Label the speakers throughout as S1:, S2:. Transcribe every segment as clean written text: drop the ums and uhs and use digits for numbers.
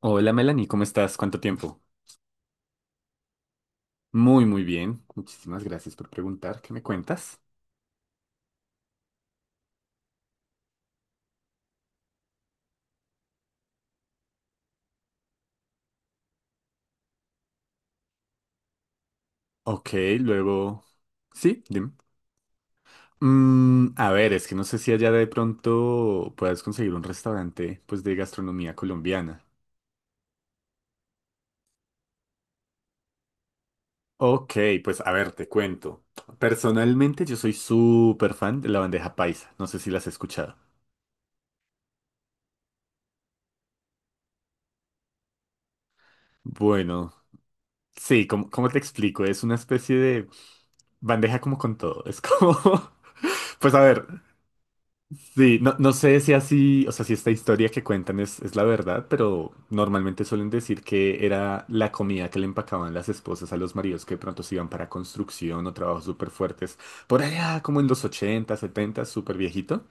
S1: Hola Melanie, ¿cómo estás? ¿Cuánto tiempo? Muy, muy bien. Muchísimas gracias por preguntar. ¿Qué me cuentas? Ok, luego... Sí, dime. A ver, es que no sé si allá de pronto puedas conseguir un restaurante pues de gastronomía colombiana. Ok, pues a ver, te cuento. Personalmente yo soy súper fan de la bandeja paisa. No sé si las has escuchado. Bueno, sí, ¿cómo te explico. Es una especie de bandeja como con todo. Es como... Pues a ver. Sí, no, no sé si así, o sea, si esta historia que cuentan es la verdad, pero normalmente suelen decir que era la comida que le empacaban las esposas a los maridos que de pronto se iban para construcción o trabajos súper fuertes. Por allá, como en los 80, 70, súper viejito.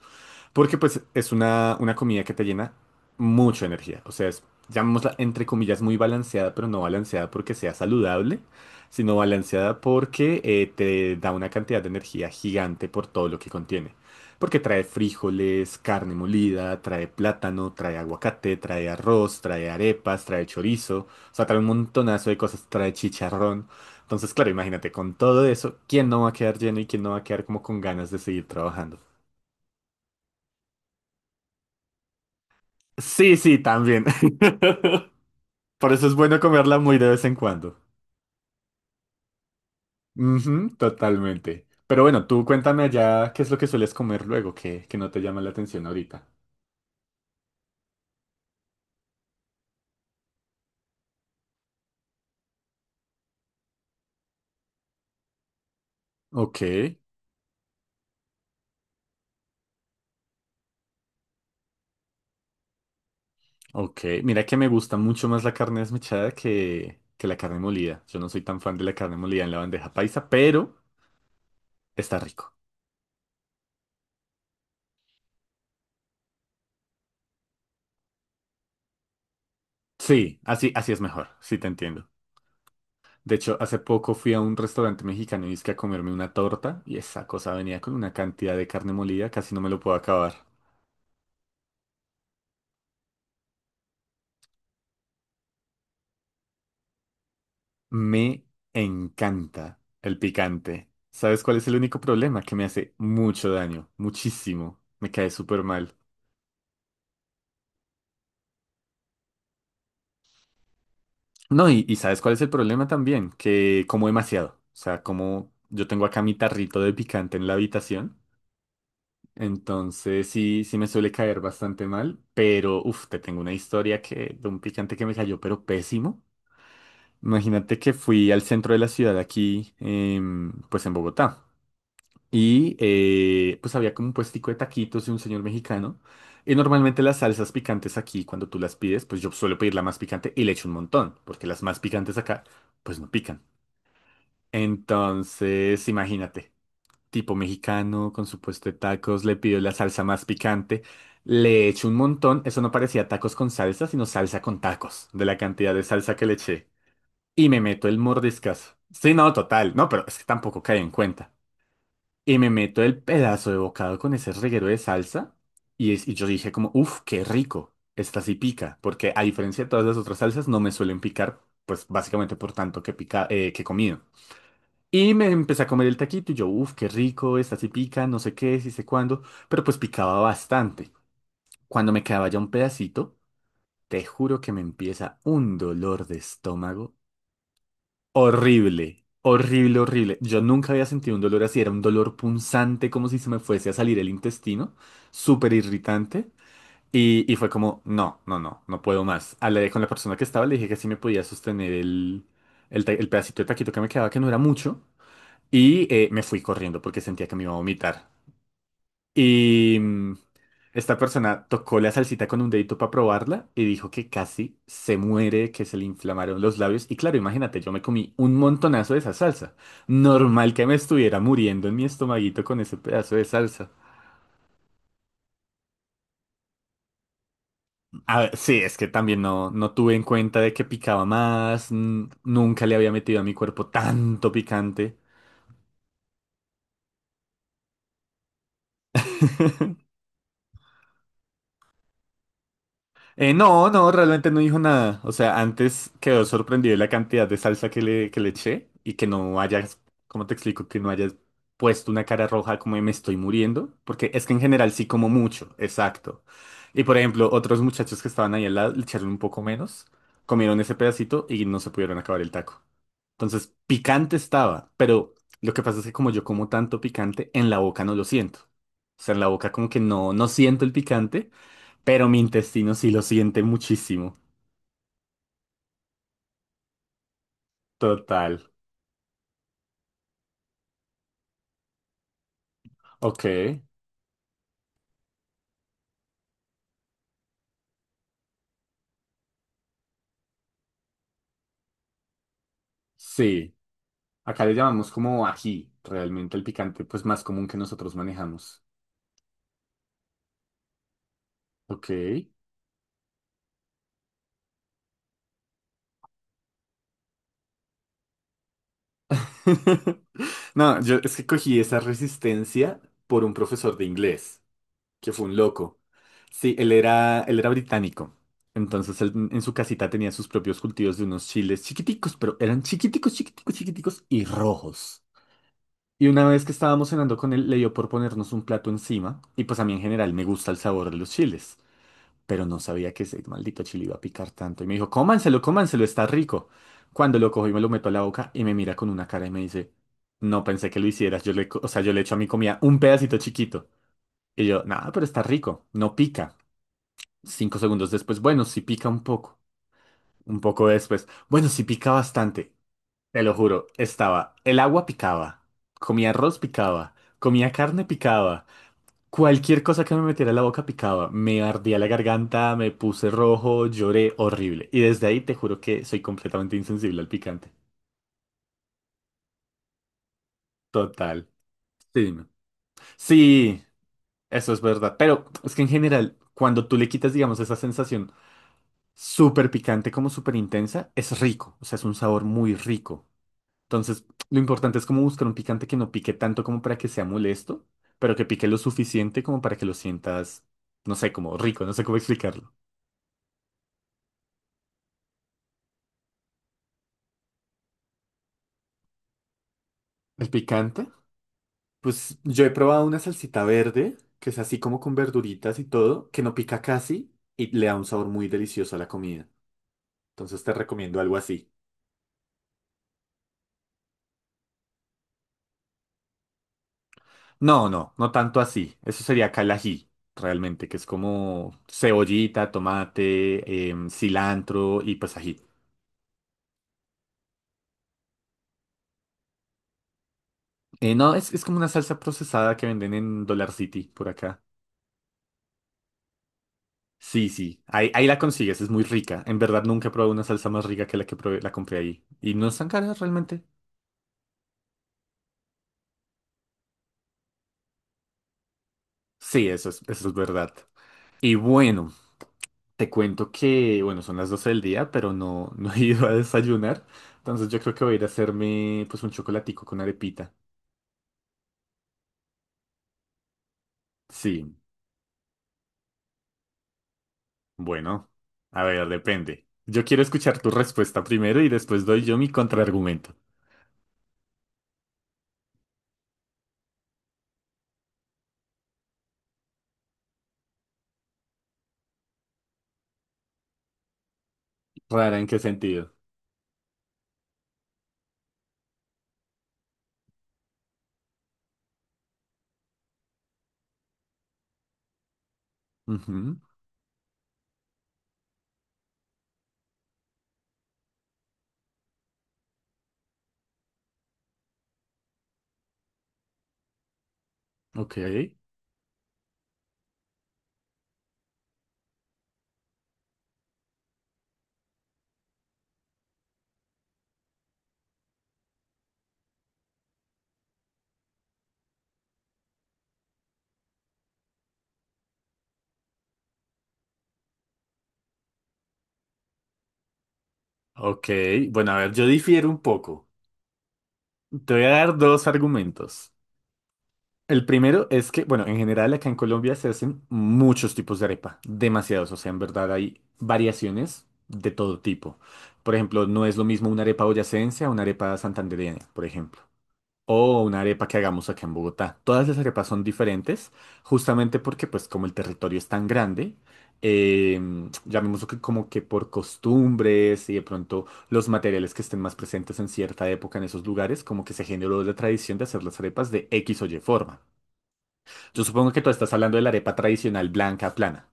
S1: Porque pues es una comida que te llena mucha energía. O sea, es, llamémosla entre comillas muy balanceada, pero no balanceada porque sea saludable, sino balanceada porque te da una cantidad de energía gigante por todo lo que contiene. Porque trae frijoles, carne molida, trae plátano, trae aguacate, trae arroz, trae arepas, trae chorizo. O sea, trae un montonazo de cosas, trae chicharrón. Entonces, claro, imagínate, con todo eso, ¿quién no va a quedar lleno y quién no va a quedar como con ganas de seguir trabajando? Sí, sí, también. Por eso es bueno comerla muy de vez en cuando. Ujú, totalmente. Pero bueno, tú cuéntame allá qué es lo que sueles comer luego, que no te llama la atención ahorita. Ok, ok. Mira que me gusta mucho más la carne desmechada que la carne molida. Yo no soy tan fan de la carne molida en la bandeja paisa, pero está rico. Sí, así, así es mejor. Sí, te entiendo. De hecho, hace poco fui a un restaurante mexicano y dizque a comerme una torta y esa cosa venía con una cantidad de carne molida, casi no me lo puedo acabar. Me encanta el picante. ¿Sabes cuál es el único problema? Que me hace mucho daño, muchísimo. Me cae súper mal. No, y ¿sabes cuál es el problema también? Que como demasiado. O sea, como yo tengo acá mi tarrito de picante en la habitación. Entonces sí, sí me suele caer bastante mal. Pero, uff, te tengo una historia que, de un picante que me cayó, pero pésimo. Imagínate que fui al centro de la ciudad aquí, pues en Bogotá. Y pues había como un puestico de taquitos de un señor mexicano. Y normalmente las salsas picantes aquí, cuando tú las pides, pues yo suelo pedir la más picante y le echo un montón, porque las más picantes acá, pues no pican. Entonces, imagínate, tipo mexicano con su puesto de tacos, le pido la salsa más picante, le echo un montón. Eso no parecía tacos con salsa, sino salsa con tacos, de la cantidad de salsa que le eché. Y me meto el mordiscazo. Sí, no, total, no, pero es que tampoco cae en cuenta. Y me meto el pedazo de bocado con ese reguero de salsa. Y, y yo dije como, uff, qué rico. Esta sí pica. Porque a diferencia de todas las otras salsas, no me suelen picar. Pues básicamente por tanto que pica, que he comido. Y me empecé a comer el taquito y yo, uff, qué rico, esta sí pica, no sé qué, sí sé cuándo. Pero pues picaba bastante. Cuando me quedaba ya un pedacito, te juro que me empieza un dolor de estómago horrible, horrible, horrible. Yo nunca había sentido un dolor así, era un dolor punzante como si se me fuese a salir el intestino, súper irritante. Y fue como, no, no, no, no puedo más. Hablé con la persona que estaba, le dije que sí me podía sostener el pedacito de taquito que me quedaba, que no era mucho, y me fui corriendo porque sentía que me iba a vomitar. Y esta persona tocó la salsita con un dedito para probarla y dijo que casi se muere, que se le inflamaron los labios. Y claro, imagínate, yo me comí un montonazo de esa salsa. Normal que me estuviera muriendo en mi estomaguito con ese pedazo de salsa. A ver, sí, es que también no, no tuve en cuenta de que picaba más. Nunca le había metido a mi cuerpo tanto picante. No, no, realmente no dijo nada. O sea, antes quedó sorprendido de la cantidad de salsa que le eché y que no hayas, ¿cómo te explico? Que no hayas puesto una cara roja como de me estoy muriendo. Porque es que en general sí como mucho, exacto. Y por ejemplo, otros muchachos que estaban ahí al lado le echaron un poco menos, comieron ese pedacito y no se pudieron acabar el taco. Entonces, picante estaba, pero lo que pasa es que como yo como tanto picante, en la boca no lo siento. O sea, en la boca como que no, no siento el picante. Pero mi intestino sí lo siente muchísimo. Total. Ok. Sí. Acá le llamamos como ají. Realmente el picante, pues más común que nosotros manejamos. Ok. No, yo es que cogí esa resistencia por un profesor de inglés, que fue un loco. Sí, él era británico. Entonces él en su casita tenía sus propios cultivos de unos chiles chiquiticos, pero eran chiquiticos, chiquiticos, chiquiticos y rojos. Y una vez que estábamos cenando con él, le dio por ponernos un plato encima, y pues a mí en general me gusta el sabor de los chiles, pero no sabía que ese maldito chile iba a picar tanto. Y me dijo, cómanselo, cómanselo, está rico. Cuando lo cojo y me lo meto a la boca y me mira con una cara y me dice, no pensé que lo hicieras, yo le, o sea, yo le echo a mi comida un pedacito chiquito. Y yo, nada, pero está rico, no pica. 5 segundos después, bueno, sí pica un poco. Un poco después, bueno, sí pica bastante. Te lo juro, estaba, el agua picaba, comía arroz picaba, comía carne picaba, cualquier cosa que me metiera en la boca picaba, me ardía la garganta, me puse rojo, lloré horrible. Y desde ahí te juro que soy completamente insensible al picante. Total. Sí, no. Sí, eso es verdad. Pero es que en general, cuando tú le quitas, digamos, esa sensación súper picante como súper intensa, es rico. O sea, es un sabor muy rico. Entonces, lo importante es como buscar un picante que no pique tanto como para que sea molesto, pero que pique lo suficiente como para que lo sientas, no sé, como rico, no sé cómo explicarlo. El picante, pues yo he probado una salsita verde, que es así como con verduritas y todo, que no pica casi y le da un sabor muy delicioso a la comida. Entonces te recomiendo algo así. No, no, no tanto así. Eso sería calají, realmente, que es como cebollita, tomate, cilantro y pues ají. No, es como una salsa procesada que venden en Dollar City por acá. Sí, sí, ahí, ahí la consigues, es muy rica. En verdad nunca he probado una salsa más rica que la que probé- la compré ahí. Y no es tan cara realmente. Sí, eso es verdad. Y bueno, te cuento que, bueno, son las 12 del día, pero no, no he ido a desayunar. Entonces yo creo que voy a ir a hacerme pues un chocolatico con arepita. Sí, bueno, a ver, depende. Yo quiero escuchar tu respuesta primero y después doy yo mi contraargumento. Rara, ¿en qué sentido? Ujú. Ok, ok. Bueno, a ver, yo difiero un poco. Te voy a dar dos argumentos. El primero es que, bueno, en general acá en Colombia se hacen muchos tipos de arepa, demasiados. O sea, en verdad hay variaciones de todo tipo. Por ejemplo, no es lo mismo una arepa boyacense a una arepa santandereana, por ejemplo. O una arepa que hagamos acá en Bogotá. Todas las arepas son diferentes, justamente porque, pues, como el territorio es tan grande, eh, llamémoslo que como que por costumbres y de pronto los materiales que estén más presentes en cierta época en esos lugares, como que se generó la tradición de hacer las arepas de X o Y forma. Yo supongo que tú estás hablando de la arepa tradicional blanca plana.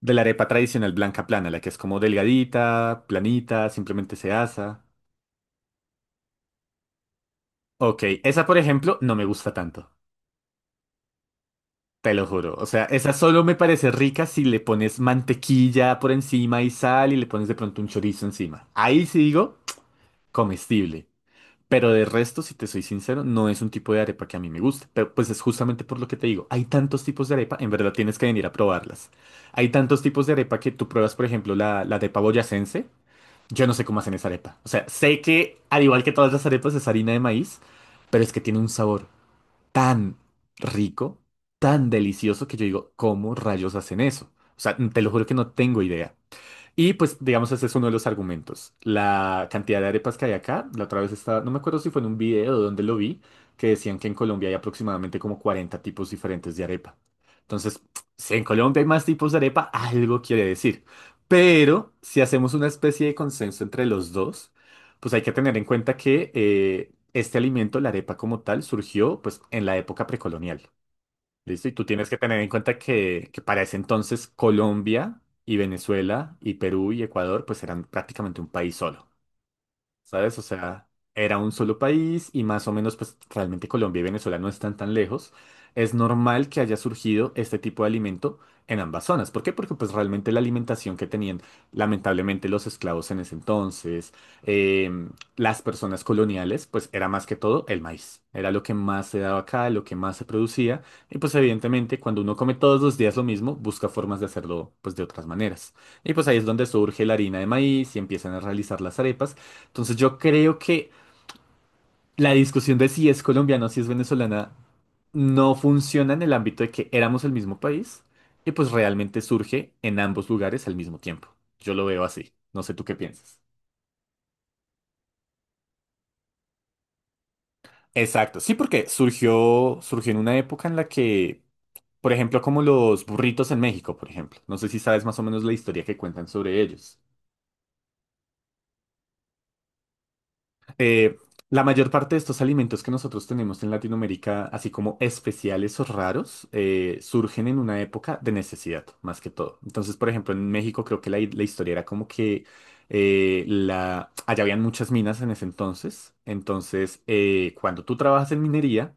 S1: De la arepa tradicional blanca plana, la que es como delgadita, planita, simplemente se asa. Ok, esa por ejemplo no me gusta tanto. Te lo juro. O sea, esa solo me parece rica si le pones mantequilla por encima y sal y le pones de pronto un chorizo encima. Ahí sí digo comestible. Pero de resto, si te soy sincero, no es un tipo de arepa que a mí me gusta. Pero pues es justamente por lo que te digo. Hay tantos tipos de arepa, en verdad tienes que venir a probarlas. Hay tantos tipos de arepa que tú pruebas, por ejemplo, la arepa boyacense. Yo no sé cómo hacen esa arepa. O sea, sé que al igual que todas las arepas es harina de maíz, pero es que tiene un sabor tan rico, tan delicioso que yo digo, ¿cómo rayos hacen eso? O sea, te lo juro que no tengo idea. Y pues, digamos, ese es uno de los argumentos. La cantidad de arepas que hay acá, la otra vez estaba, no me acuerdo si fue en un video o donde lo vi, que decían que en Colombia hay aproximadamente como 40 tipos diferentes de arepa. Entonces, si en Colombia hay más tipos de arepa, algo quiere decir. Pero si hacemos una especie de consenso entre los dos, pues hay que tener en cuenta que este alimento, la arepa como tal, surgió pues en la época precolonial. Listo, y tú tienes que tener en cuenta que para ese entonces Colombia y Venezuela y Perú y Ecuador pues eran prácticamente un país solo. ¿Sabes? O sea, era un solo país y más o menos, pues realmente Colombia y Venezuela no están tan lejos. Es normal que haya surgido este tipo de alimento en ambas zonas. ¿Por qué? Porque pues realmente la alimentación que tenían lamentablemente los esclavos en ese entonces, em, las personas coloniales, pues era más que todo el maíz. Era lo que más se daba acá, lo que más se producía. Y pues evidentemente cuando uno come todos los días lo mismo, busca formas de hacerlo pues de otras maneras. Y pues ahí es donde surge la harina de maíz y empiezan a realizar las arepas. Entonces yo creo que la discusión de si es colombiana o si es venezolana no funciona en el ámbito de que éramos el mismo país y pues realmente surge en ambos lugares al mismo tiempo. Yo lo veo así. No sé tú qué piensas. Exacto, sí, porque surgió en una época en la que, por ejemplo, como los burritos en México, por ejemplo. No sé si sabes más o menos la historia que cuentan sobre ellos. Eh, la mayor parte de estos alimentos que nosotros tenemos en Latinoamérica, así como especiales o raros, surgen en una época de necesidad, más que todo. Entonces, por ejemplo, en México creo que la historia era como que allá habían muchas minas en ese entonces. Entonces, cuando tú trabajas en minería,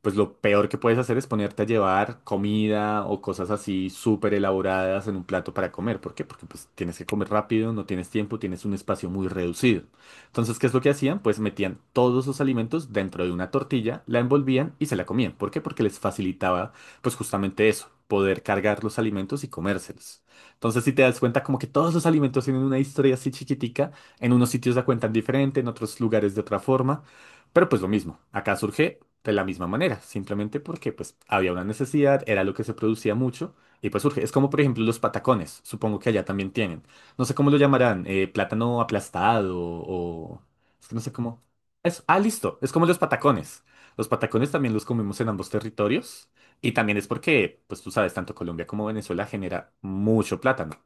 S1: pues lo peor que puedes hacer es ponerte a llevar comida o cosas así súper elaboradas en un plato para comer. ¿Por qué? Porque pues tienes que comer rápido, no tienes tiempo, tienes un espacio muy reducido. Entonces, ¿qué es lo que hacían? Pues metían todos sus alimentos dentro de una tortilla, la envolvían y se la comían. ¿Por qué? Porque les facilitaba, pues justamente eso, poder cargar los alimentos y comérselos. Entonces, si te das cuenta, como que todos los alimentos tienen una historia así chiquitica, en unos sitios la cuentan diferente, en otros lugares de otra forma, pero pues lo mismo, acá surge de la misma manera, simplemente porque pues había una necesidad, era lo que se producía mucho y pues surge. Es como por ejemplo los patacones, supongo que allá también tienen. No sé cómo lo llamarán, plátano aplastado o... Es que no sé cómo... Eso. Ah, listo, es como los patacones. Los patacones también los comemos en ambos territorios y también es porque, pues tú sabes, tanto Colombia como Venezuela genera mucho plátano.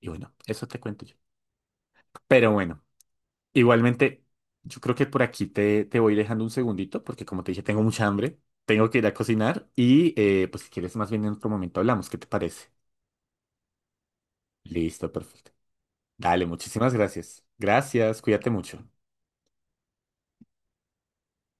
S1: Y bueno, eso te cuento yo. Pero bueno, igualmente, yo creo que por aquí te voy dejando un segundito porque como te dije, tengo mucha hambre, tengo que ir a cocinar y pues si quieres más bien en otro momento hablamos, ¿qué te parece? Listo, perfecto. Dale, muchísimas gracias. Gracias, cuídate mucho.